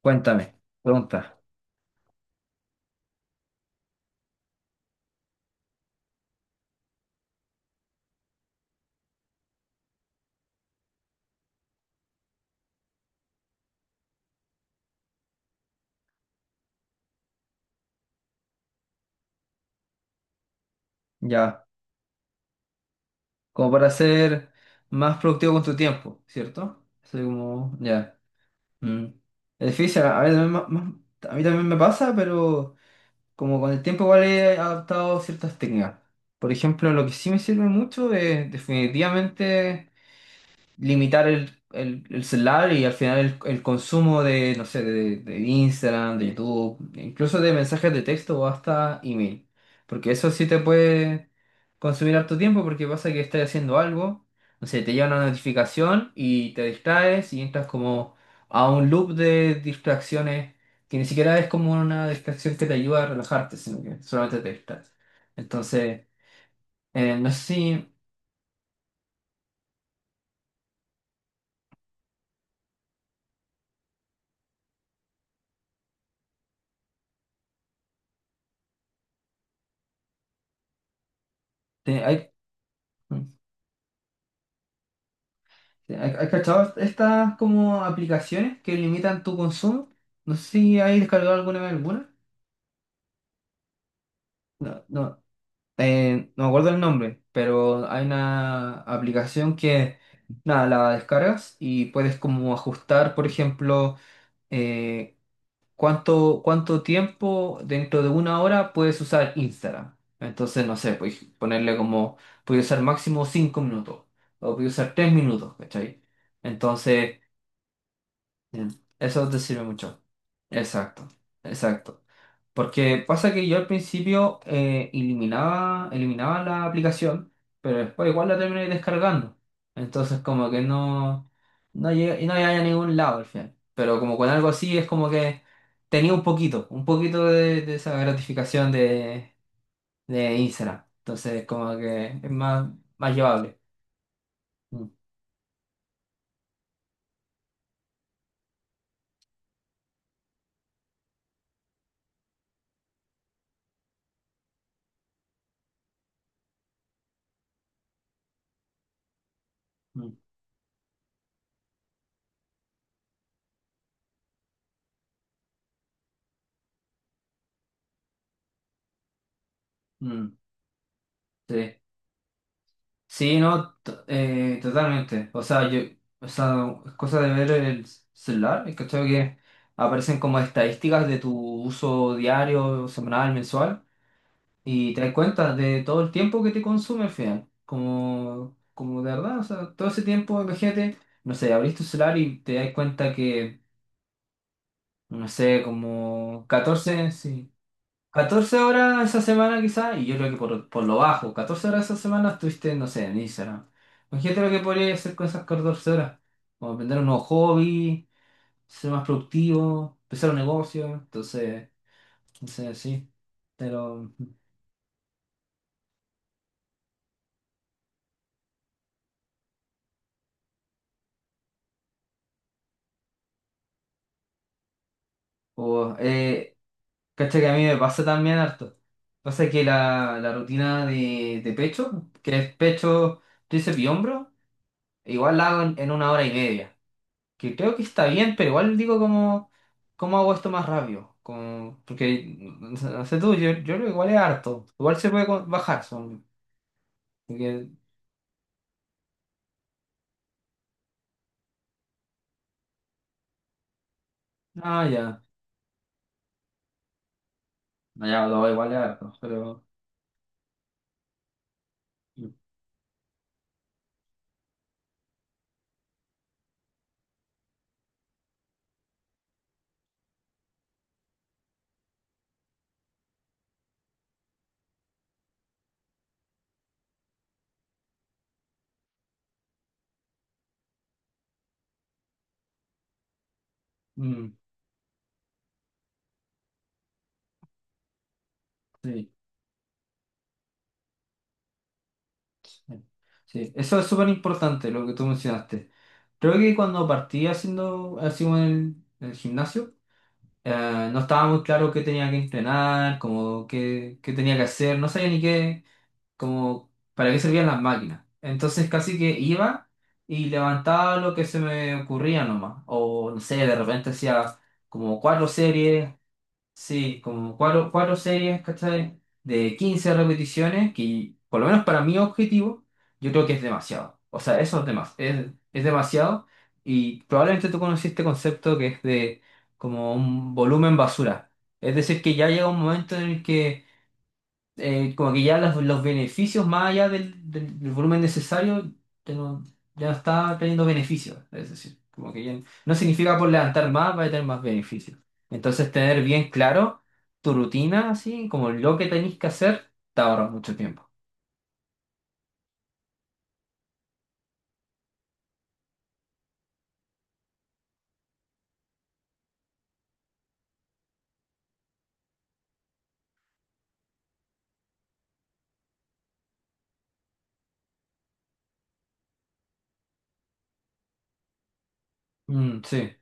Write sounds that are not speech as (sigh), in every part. Cuéntame, pregunta, ya, como para ser más productivo con tu tiempo, ¿cierto? Soy como, ya. Mm. Es difícil, a mí también. A mí también me pasa, pero como con el tiempo igual he adaptado ciertas técnicas. Por ejemplo, lo que sí me sirve mucho es definitivamente limitar el celular y al final el consumo de, no sé, de Instagram, de YouTube, incluso de mensajes de texto o hasta email. Porque eso sí te puede consumir harto tiempo porque pasa que estás haciendo algo, no sé, te llega una notificación y te distraes y entras como a un loop de distracciones que ni siquiera es como una distracción que te ayuda a relajarte, sino que solamente te distraes. Entonces, no sé si hay. ¿Has cachado estas como aplicaciones que limitan tu consumo? No sé si hay descargado alguna vez alguna. No, no, no me acuerdo el nombre, pero hay una aplicación que, nada, la descargas y puedes como ajustar, por ejemplo, eh, cuánto tiempo dentro de una hora puedes usar Instagram. Entonces, no sé, puedes ponerle como, puedes usar máximo 5 minutos o puedes usar 3 minutos, ¿cachai? Entonces... Mm. Eso te sirve mucho. Exacto, exacto. Porque pasa que yo al principio eliminaba la aplicación, pero después igual la terminé descargando. Entonces como que no llegué, y no llegué a ningún lado al final. Pero como con algo así es como que tenía un poquito de esa gratificación de Instagram. Entonces como que es más llevable. Mm, mm, mm, sí. Sí, no, totalmente. O sea, yo, o sea, es cosa de ver el celular, es, ¿cachai? Que aparecen como estadísticas de tu uso diario, semanal, mensual, y te das cuenta de todo el tiempo que te consume al final. Como, como de verdad, o sea, todo ese tiempo, imagínate, no sé, abrís tu celular y te das cuenta que, no sé, como 14 horas esa semana quizás, y yo creo que por lo bajo, 14 horas esa semana estuviste, no sé, en Instagram. Imagínate lo que podría hacer con esas 14 horas. Como aprender un nuevo hobby, ser más productivo, empezar un negocio, entonces, no sé, sí. Pero, o, eh, cacha que a mí me pasa también harto. Pasa que la rutina de pecho, que es pecho, tríceps y hombro, igual la hago en una hora y media. Que creo que está bien, pero igual digo como, ¿cómo hago esto más rápido? Como, porque, no sé tú, yo creo que igual es harto. Igual se puede bajar, son. Porque, ah, ya, no, ya, no, igual es harto, pero... Mm, mm, sí, sí, sí. Eso es súper importante, lo que tú mencionaste. Creo que cuando partí haciendo, así como en el gimnasio, no estaba muy claro qué tenía que entrenar, como qué tenía que hacer, no sabía ni qué. Como para qué servían las máquinas. Entonces casi que iba y levantaba lo que se me ocurría nomás. O no sé, de repente hacía como cuatro series, sí, como cuatro series, ¿cachai? De 15 repeticiones, que por lo menos para mi objetivo, yo creo que es demasiado. O sea, eso es demasiado. Es demasiado. Y probablemente tú conoces este concepto que es de como un volumen basura. Es decir, que ya llega un momento en el que como que ya los beneficios más allá del volumen necesario ya, no- ya no está teniendo beneficios. Es decir, como que ya no significa por levantar más va a tener más beneficios. Entonces tener bien claro tu rutina, así como lo que tenés que hacer, te ahorra mucho tiempo. Mm, sí.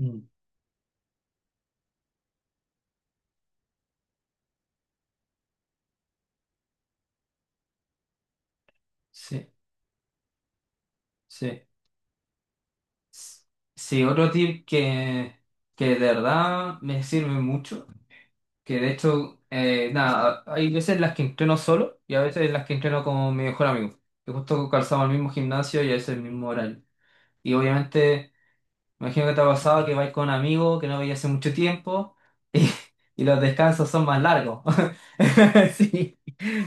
Mm, sí, sí. S- Sí, otro tip que de verdad me sirve mucho. Que de hecho, nada, hay veces en las que entreno solo y a veces en las que entreno con mi mejor amigo, que justo calzamos el mismo gimnasio y es el mismo horario. Y obviamente, imagino que te ha pasado que vais con amigos que no veis hace mucho tiempo (laughs) y, y los descansos son más largos. (laughs) Sí,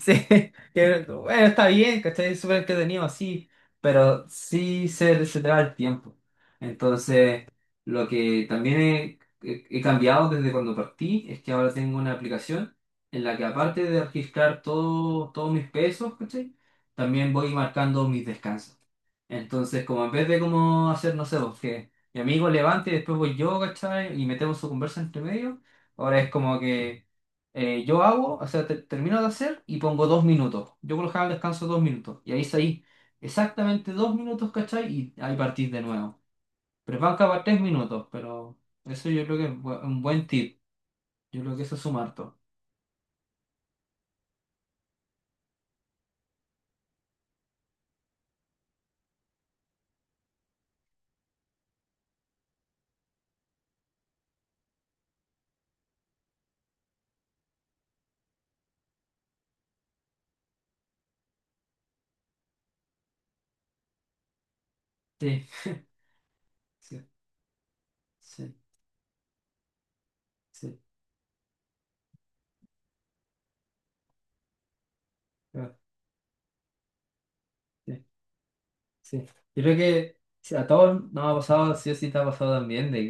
sí. Que, bueno, está bien, ¿cachai? Es súper entretenido así, pero sí se te va el tiempo. Entonces, lo que también he cambiado desde cuando partí es que ahora tengo una aplicación en la que aparte de registrar todos mis pesos, ¿cachai? También voy marcando mis descansos. Entonces, como en vez de como hacer, no sé, pues, que mi amigo levante y después voy yo, ¿cachai? Y metemos su conversa entre medio, ahora es como que yo hago, o sea, termino de hacer y pongo 2 minutos. Yo por lo general descanso 2 minutos. Y ahí salí exactamente 2 minutos, ¿cachai? Y ahí partís de nuevo. Pero van cada 3 minutos, pero eso yo creo que es un buen tip. Yo creo que eso suma harto. Sí, (laughs) sí, sí, claro, sí. Sí, yo creo que sí, a todos nos ha pasado, sí o sí te ha pasado también, de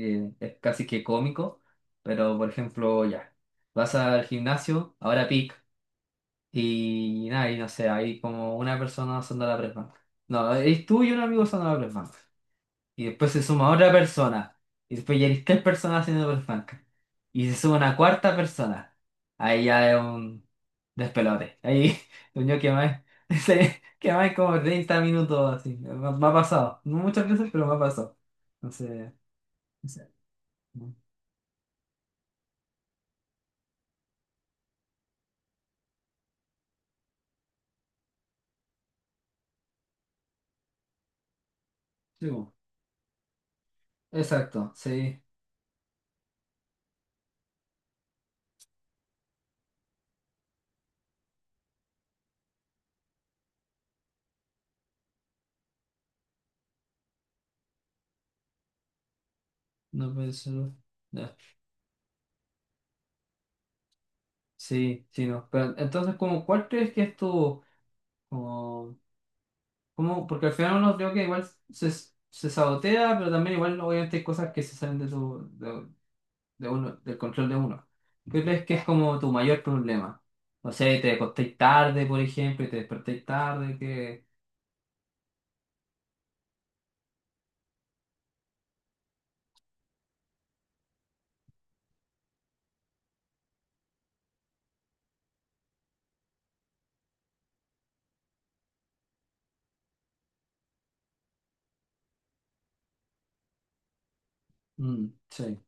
que es casi que cómico, pero por ejemplo, ya, vas al gimnasio, ahora pic, y nada, y no sé, hay como una persona usando la press bank. No, es tú y un amigo usando la press bank. Y después se suma otra persona. Y después ya eres tres personas haciendo perfanca. Y se suma una cuarta persona. Ahí ya es un despelote. Ahí, (laughs) yo que más, (laughs) que más como 30 minutos así. Me ha pasado. No muchas veces, pero me ha pasado. Entonces, no sé, no. Sí, bueno. Exacto, sí. No pensé. No. Sí, sí, no. Pero entonces, como, ¿cuál crees que es tu, como, como? Porque al final uno creo que igual se sabotea, pero también igual obviamente hay cosas que se salen de uno, del control de uno. ¿Qué crees que es como tu mayor problema? No sé, te acostéis tarde, por ejemplo, y te despertéis tarde, que... Mm, sí,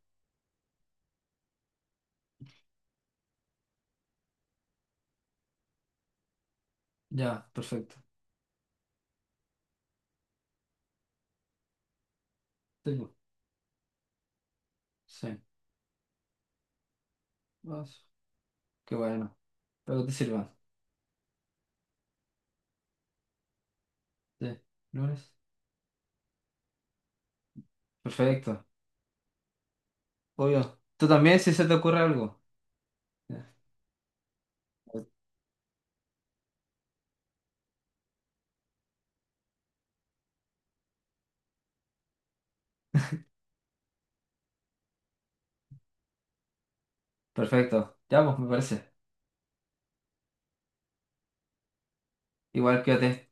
ya, perfecto. Sí, po, sí. Vas. Qué bueno. Pero que te sirva. Sí. ¿Lunes? Perfecto. Obvio. Tú también, si se te ocurre algo. Ya. Perfecto. Ya, pues, me parece. Igual quédate.